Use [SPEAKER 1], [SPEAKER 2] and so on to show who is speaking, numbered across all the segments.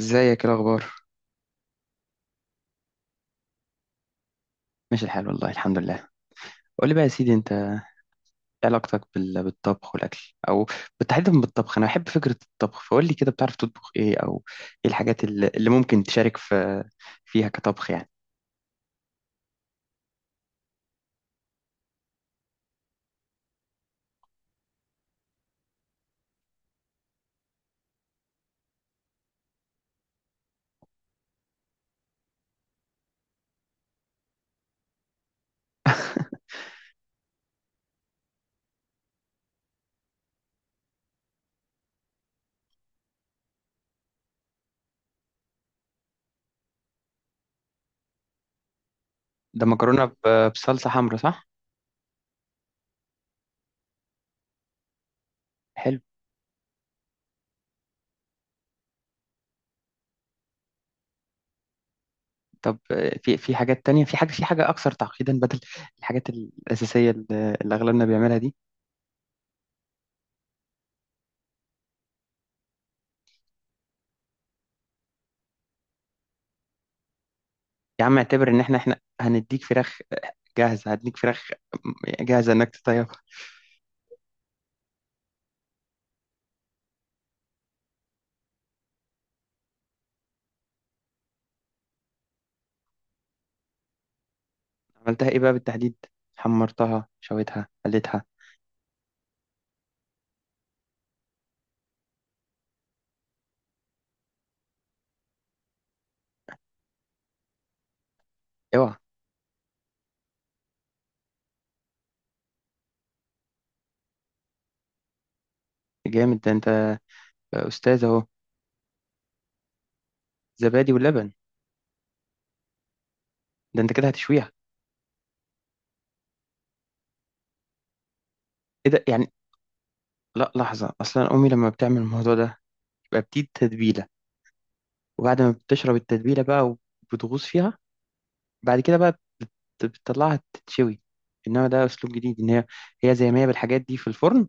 [SPEAKER 1] ازيك، ايه الاخبار؟ ماشي الحال، والله الحمد لله. قول لي بقى يا سيدي، انت ايه علاقتك بالطبخ والاكل، او بالتحديد بالطبخ. انا بحب فكره الطبخ، فقول لي كده، بتعرف تطبخ ايه؟ او ايه الحاجات اللي ممكن تشارك فيها كطبخ يعني. ده مكرونه بصلصه حمرا، صح؟ حلو. طب في حاجات تانية، في حاجه اكثر تعقيدا، بدل الحاجات الاساسيه اللي اغلبنا بيعملها دي؟ يا عم اعتبر ان احنا هنديك فراخ جاهزه انك تطيب. عملتها ايه بقى بالتحديد؟ حمرتها، شويتها، قليتها؟ اوعى. جامد، ده انت استاذ اهو. زبادي ولبن؟ ده انت كده هتشويها؟ ايه ده يعني؟ لا لحظه، اصلا امي لما بتعمل الموضوع ده يبقى بتدي تتبيله، وبعد ما بتشرب التتبيله بقى وبتغوص فيها، بعد كده بقى بتطلعها تتشوي. انما ده اسلوب جديد، ان هي زي ما هي بالحاجات دي في الفرن.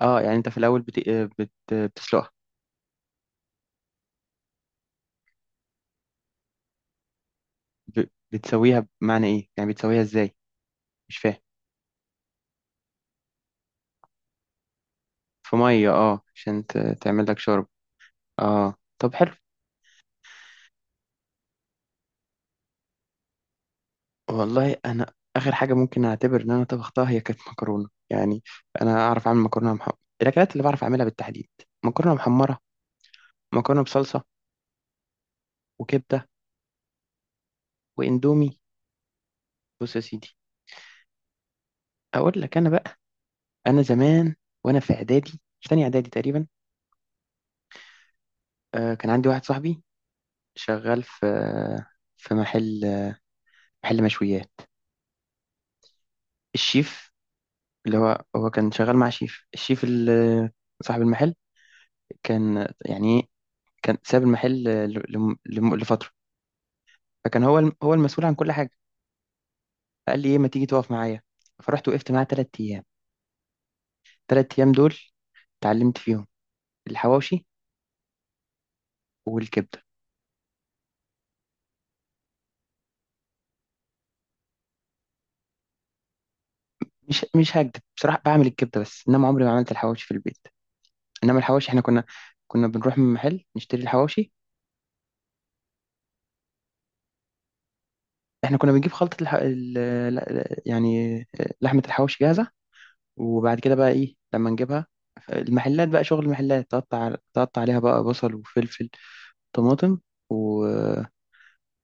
[SPEAKER 1] اه، يعني انت في الاول بتسلقها؟ ب... بتسويها بمعنى ايه يعني؟ بتسويها ازاي؟ مش فاهم. في ميه، اه عشان تعمل لك شرب. اه طب حلو. والله انا اخر حاجه ممكن اعتبر ان انا طبختها هي كانت مكرونه يعني. انا اعرف اعمل مكرونه محمره، الاكلات اللي بعرف اعملها بالتحديد: مكرونه محمره، مكرونه بصلصه، وكبده، واندومي. بص يا سيدي، اقول لك انا بقى. انا زمان وانا في اعدادي، في تانية اعدادي تقريبا، آه كان عندي واحد صاحبي شغال في محل مشويات. الشيف اللي هو كان شغال مع شيف، الشيف اللي صاحب المحل كان يعني إيه، كان ساب المحل لفترة، فكان هو المسؤول عن كل حاجة. فقال لي إيه ما تيجي تقف معايا. فرحت وقفت معاه تلات أيام. تلات أيام دول اتعلمت فيهم الحواوشي والكبدة. مش هكدب بصراحة، بعمل الكبدة، بس إنما عمري ما عملت الحواوشي في البيت. إنما الحواوشي إحنا كنا بنروح من محل نشتري الحواوشي. إحنا كنا بنجيب خلطة يعني لحمة الحواوشي جاهزة، وبعد كده بقى إيه لما نجيبها، المحلات بقى شغل المحلات تقطع عليها بقى بصل وفلفل طماطم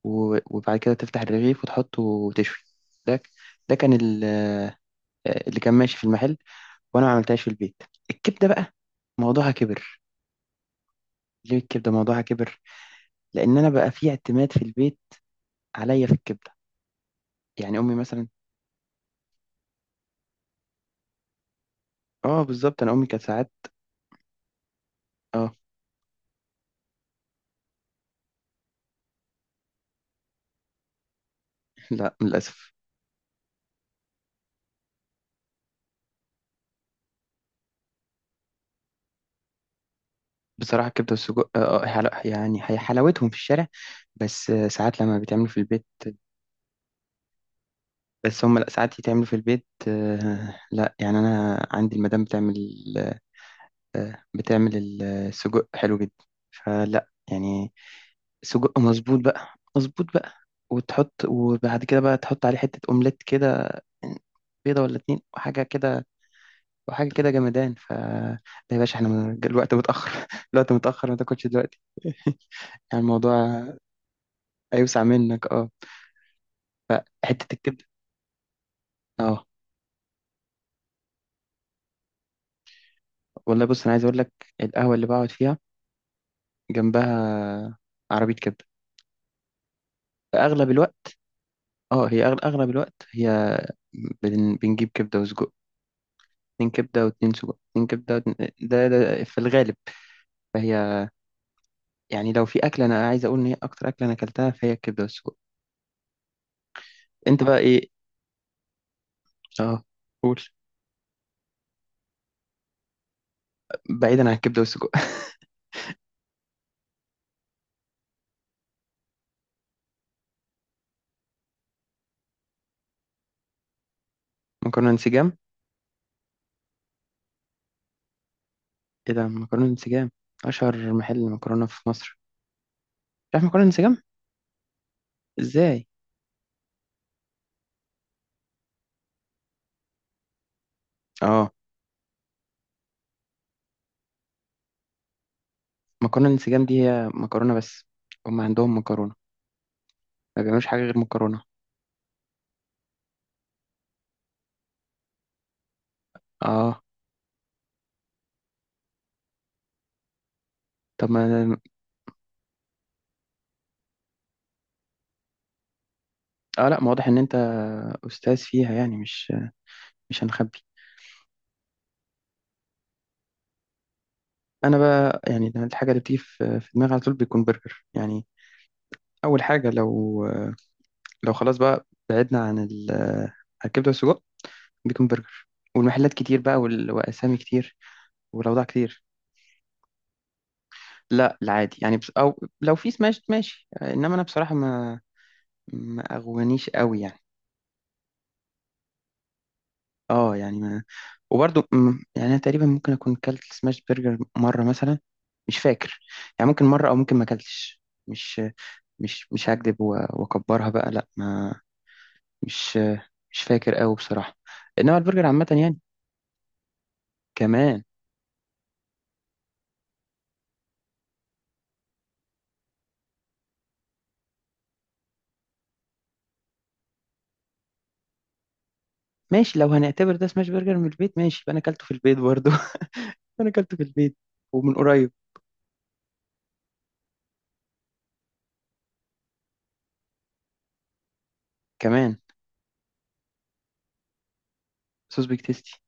[SPEAKER 1] وبعد كده تفتح الرغيف وتحطه وتشوي. ده ده كان اللي كان ماشي في المحل، وانا ما عملتهاش في البيت. الكبده بقى موضوعها كبر. ليه الكبده موضوعها كبر؟ لان انا بقى في اعتماد في البيت عليا في الكبده، يعني امي مثلا. اه بالظبط، انا امي كانت ساعات اه. لا للاسف. بصراحه الكبده والسجق، يعني هي حلاوتهم في الشارع، بس ساعات لما بيتعملوا في البيت. بس هم لا، ساعات يتعملوا في البيت، لا يعني انا عندي المدام بتعمل السجق حلو جدا، فلا يعني، سجق مظبوط بقى. مظبوط بقى. وبعد كده بقى تحط عليه حتة أومليت كده، بيضة ولا اتنين وحاجة كده، وحاجة كده جمدان. ف لا يا باشا، احنا الوقت متأخر، الوقت متأخر ما تاكلش دلوقتي. يعني الموضوع هيوسع منك، اه. حتة الكبدة، اه. والله بص، انا عايز اقول لك، القهوة اللي بقعد فيها جنبها عربية كبدة، فاغلب الوقت، اه، اغلب الوقت هي بنجيب كبده وسجق. اتنين كبده واتنين سجق، اتنين كبده واتنين... ده في الغالب، فهي يعني لو في اكله انا عايز اقول ان هي اكتر اكله انا اكلتها فهي الكبده والسجق. انت بقى ايه؟ اه قول، بعيدا عن الكبده والسجق. مكرونه انسجام. ايه ده مكرونه انسجام؟ اشهر محل مكرونه في مصر، مش عارف مكرونه انسجام؟ ازاي! اه مكرونه انسجام دي هي مكرونه بس، هم عندهم مكرونه، ما بيعملوش حاجه غير مكرونه. اه طب ما اه، لا ما واضح ان انت استاذ فيها يعني، مش هنخبي. انا بقى يعني ده الحاجه اللي بتيجي في دماغي على طول بيكون برجر يعني. اول حاجه، لو خلاص بقى بعدنا عن الكبده والسجق، بيكون برجر. والمحلات كتير بقى، واسامي كتير، والاوضاع كتير. لا العادي يعني، بس او لو في سماش ماشي، انما انا بصراحه ما اغوانيش قوي يعني. اه يعني ما، وبرضو يعني انا تقريبا ممكن اكون كلت سماش برجر مره مثلا، مش فاكر يعني، ممكن مره او ممكن ما كلتش. مش مش هكذب، واكبرها بقى، لا ما، مش مش فاكر قوي بصراحه. انما البرجر عامه يعني كمان. ماشي، لو هنعتبر ده سماش برجر من البيت، ماشي، يبقى انا اكلته في البيت برضو. انا اكلته في البيت، ومن قريب كمان، صوص بيك تيستي.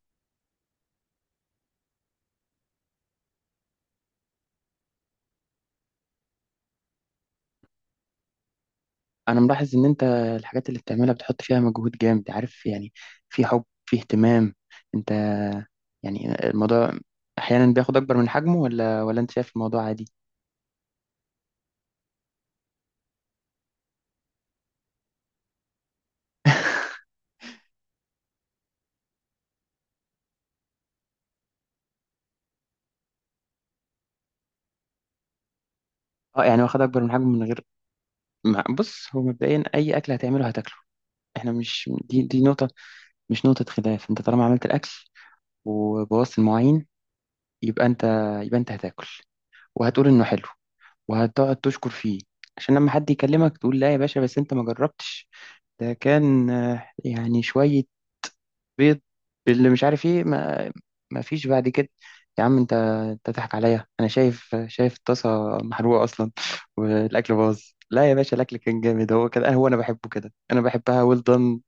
[SPEAKER 1] انا ملاحظ ان انت الحاجات اللي بتعملها بتحط فيها مجهود جامد، عارف يعني، في حب، في اهتمام. انت يعني الموضوع احيانا بياخد اكبر من حجمه ولا انت شايف الموضوع عادي؟ اه يعني واخد اكبر من حجمه من غير ما، بص هو مبدئيا اي اكل هتعمله هتاكله. احنا مش دي نقطة، مش نقطة خلاف. انت طالما عملت الاكل وبوظت المواعين، يبقى انت يبقى انت هتاكل وهتقول انه حلو، وهتقعد تشكر فيه، عشان لما حد يكلمك تقول لا يا باشا، بس انت ما جربتش، ده كان يعني شوية بيض باللي مش عارف ايه ما. ما فيش بعد كده. يا عم انت تضحك عليا، انا شايف الطاسه محروقه اصلا، الاكل باظ. لا يا باشا، الاكل كان جامد، هو كده، هو انا بحبه كده، انا بحبها ويل دان.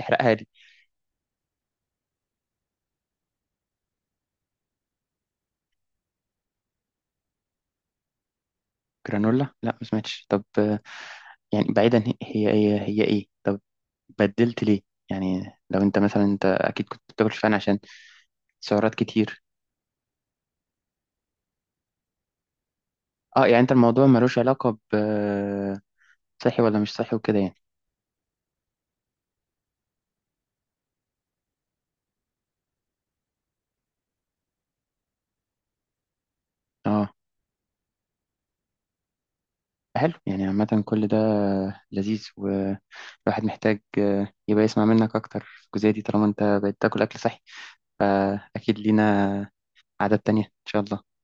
[SPEAKER 1] احرقها لي. جرانولا؟ لا ما سمعتش. طب يعني بعيدا، هي ايه؟ طب بدلت ليه؟ يعني لو انت مثلا، انت اكيد كنت بتاكل شوفان عشان سعرات كتير. اه يعني انت الموضوع ملوش علاقه ب صحي ولا مش صحي وكده يعني. اه حلو، يعني عامة كل ده لذيذ، والواحد محتاج يبقى يسمع منك أكتر في الجزئية دي، طالما أنت بقيت تاكل أكل صحي، فأكيد لينا عادات تانية إن شاء الله.